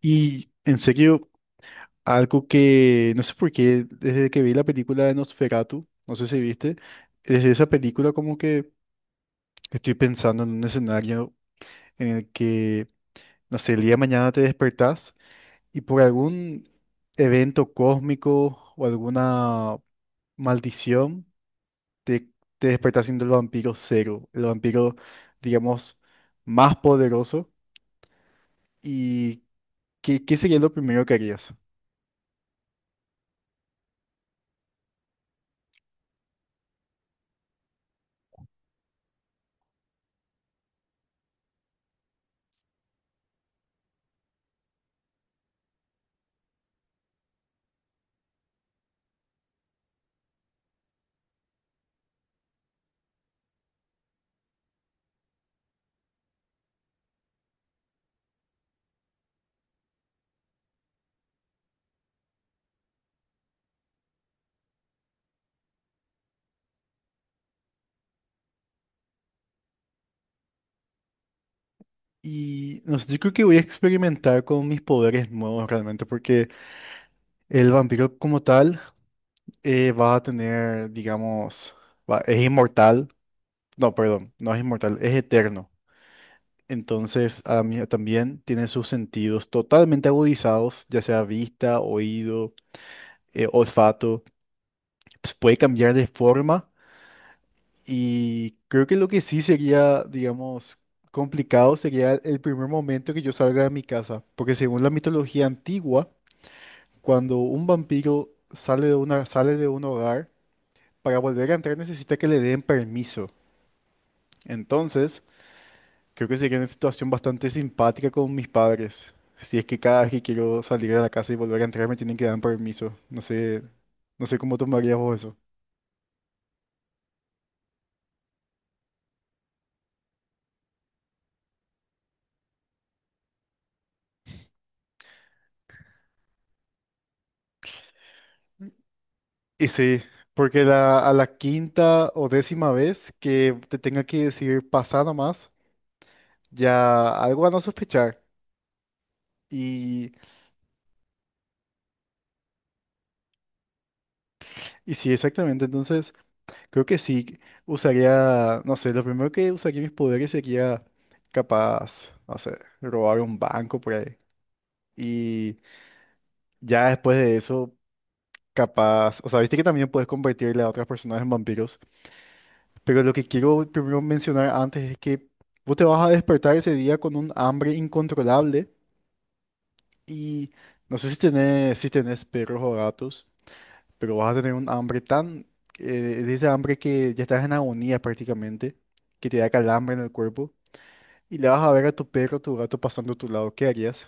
Y en serio, algo que no sé por qué, desde que vi la película de Nosferatu, no sé si viste, desde esa película como que estoy pensando en un escenario en el que, no sé, el día de mañana te despertás y por algún evento cósmico o alguna maldición te, te despertás siendo el vampiro cero, el vampiro, digamos, más poderoso. ¿Y qué sería lo primero que harías? Y no sé, yo creo que voy a experimentar con mis poderes nuevos realmente, porque el vampiro como tal va a tener, digamos, es inmortal. No, perdón, no es inmortal, es eterno. Entonces, a mí también tiene sus sentidos totalmente agudizados, ya sea vista, oído, olfato. Pues puede cambiar de forma y creo que lo que sí sería, digamos, complicado sería el primer momento que yo salga de mi casa, porque según la mitología antigua, cuando un vampiro sale de sale de un hogar, para volver a entrar necesita que le den permiso. Entonces, creo que sería una situación bastante simpática con mis padres, si es que cada vez que quiero salir de la casa y volver a entrar me tienen que dar permiso. No sé cómo tomarías vos eso. Y sí, porque a la quinta o décima vez que te tenga que decir pasa nomás, ya algo van a sospechar. Y, y sí, exactamente. Entonces, creo que sí, usaría, no sé, lo primero que usaría mis poderes sería capaz, no sé, robar un banco por ahí. Y ya después de eso, capaz, o sea, viste que también puedes convertirle a otras personas en vampiros, pero lo que quiero primero mencionar antes es que vos te vas a despertar ese día con un hambre incontrolable y no sé si tenés perros o gatos, pero vas a tener un hambre tan, de ese hambre que ya estás en agonía prácticamente, que te da calambre en el cuerpo. Y le vas a ver a tu perro o tu gato pasando a tu lado, ¿qué harías?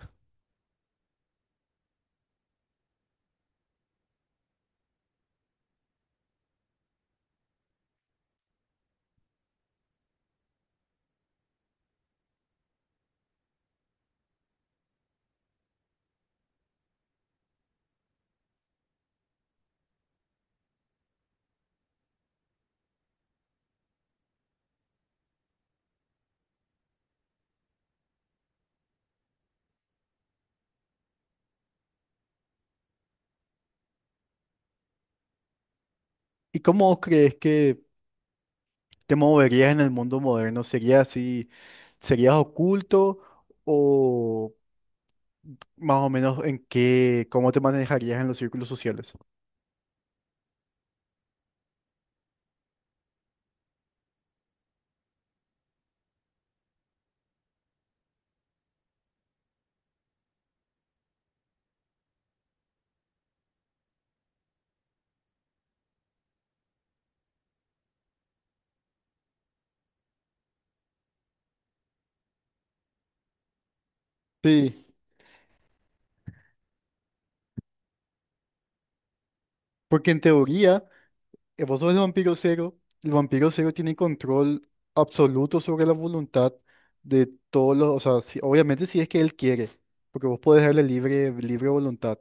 ¿Y cómo crees que te moverías en el mundo moderno? ¿Sería así, serías oculto o más o menos en qué, cómo te manejarías en los círculos sociales? Sí, porque en teoría, vos sos el vampiro cero tiene control absoluto sobre la voluntad de todos los, o sea, obviamente si es que él quiere, porque vos podés darle libre voluntad.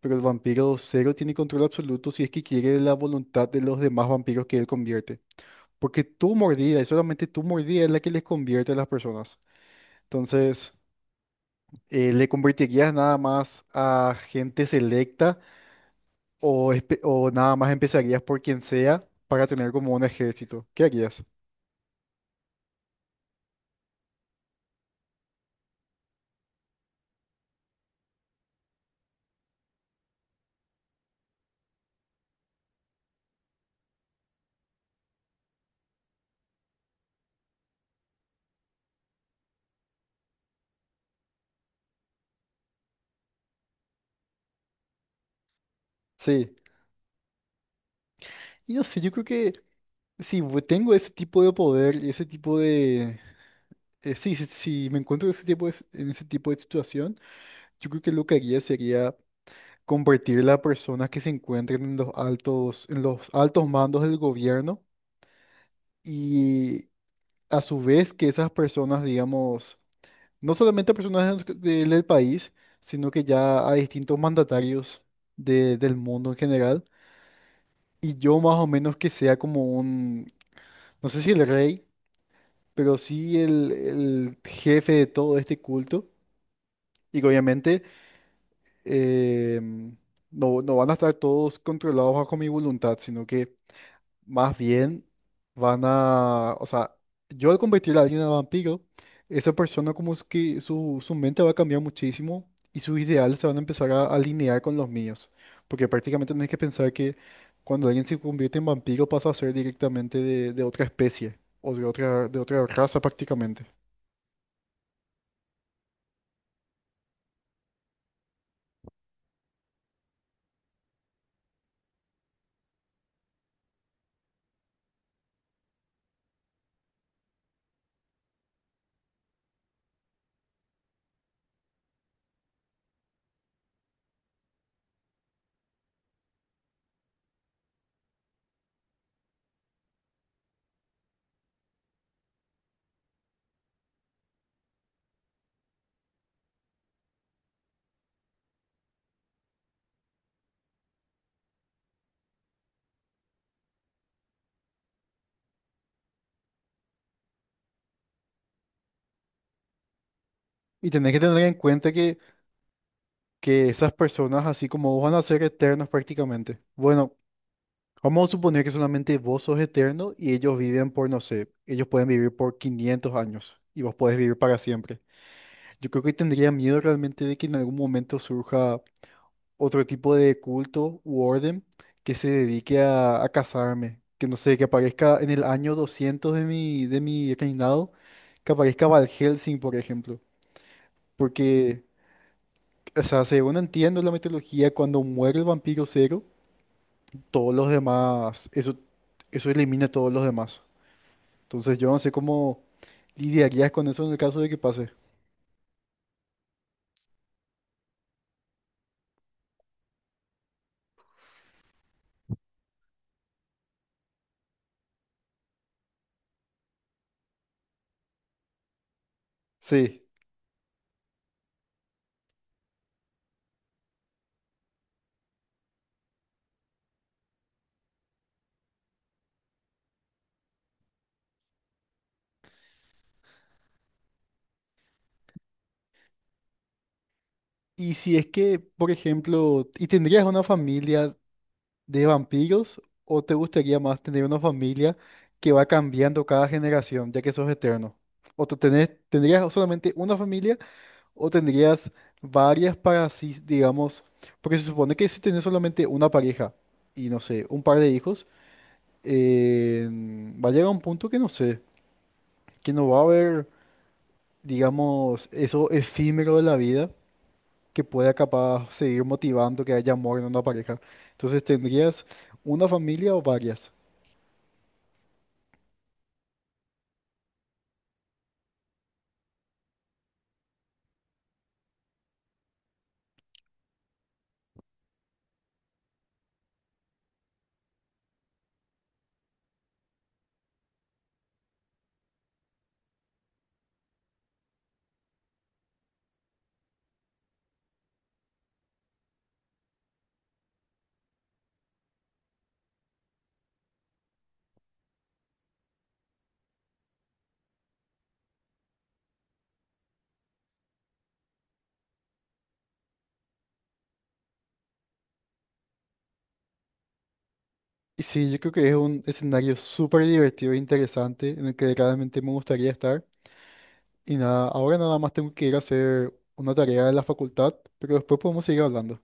Pero el vampiro cero tiene control absoluto si es que quiere la voluntad de los demás vampiros que él convierte. Porque tu mordida, y solamente tu mordida es la que les convierte a las personas. Entonces, ¿le convertirías nada más a gente selecta o, o nada más empezarías por quien sea para tener como un ejército? ¿Qué harías? Sí. Y no sé, yo creo que si tengo ese tipo de poder y ese tipo de… eh, sí, si, si me encuentro ese tipo de en ese tipo de situación, yo creo que lo que haría sería convertir a personas que se encuentren en los altos mandos del gobierno y a su vez que esas personas, digamos, no solamente personas del país, sino que ya a distintos mandatarios del mundo en general. Y yo más o menos que sea como un, no sé si el rey, pero sí el jefe de todo este culto. Y que obviamente em, no van a estar todos controlados bajo mi voluntad, sino que más bien van a, o sea, yo al convertir a alguien en vampiro, esa persona como es que su mente va a cambiar muchísimo y sus ideales se van a empezar a alinear con los míos. Porque prácticamente tenés que pensar que cuando alguien se convierte en vampiro pasa a ser directamente de otra especie o de de otra raza prácticamente. Y tenés que tener en cuenta que esas personas, así como vos, van a ser eternos prácticamente. Bueno, vamos a suponer que solamente vos sos eterno y ellos viven por, no sé, ellos pueden vivir por 500 años y vos podés vivir para siempre. Yo creo que tendría miedo realmente de que en algún momento surja otro tipo de culto u orden que se dedique a casarme. Que no sé, que aparezca en el año 200 de de mi reinado, que aparezca Van Helsing, por ejemplo. Porque, o sea, según entiendo la mitología, cuando muere el vampiro cero, todos los demás, eso elimina a todos los demás. Entonces yo no sé cómo lidiarías con eso en el caso de que pase. Sí. Y si es que, por ejemplo, ¿y tendrías una familia de vampiros o te gustaría más tener una familia que va cambiando cada generación, ya que sos eterno? ¿O te tendrías solamente una familia o tendrías varias para así, digamos, porque se supone que si tenés solamente una pareja y no sé, un par de hijos, eh, va a llegar un punto que no sé, que no va a haber… digamos, eso efímero de la vida que pueda capaz seguir motivando que haya amor en una pareja? Entonces, ¿tendrías una familia o varias? Y sí, yo creo que es un escenario súper divertido e interesante en el que claramente me gustaría estar. Y nada, ahora nada más tengo que ir a hacer una tarea de la facultad, pero después podemos seguir hablando.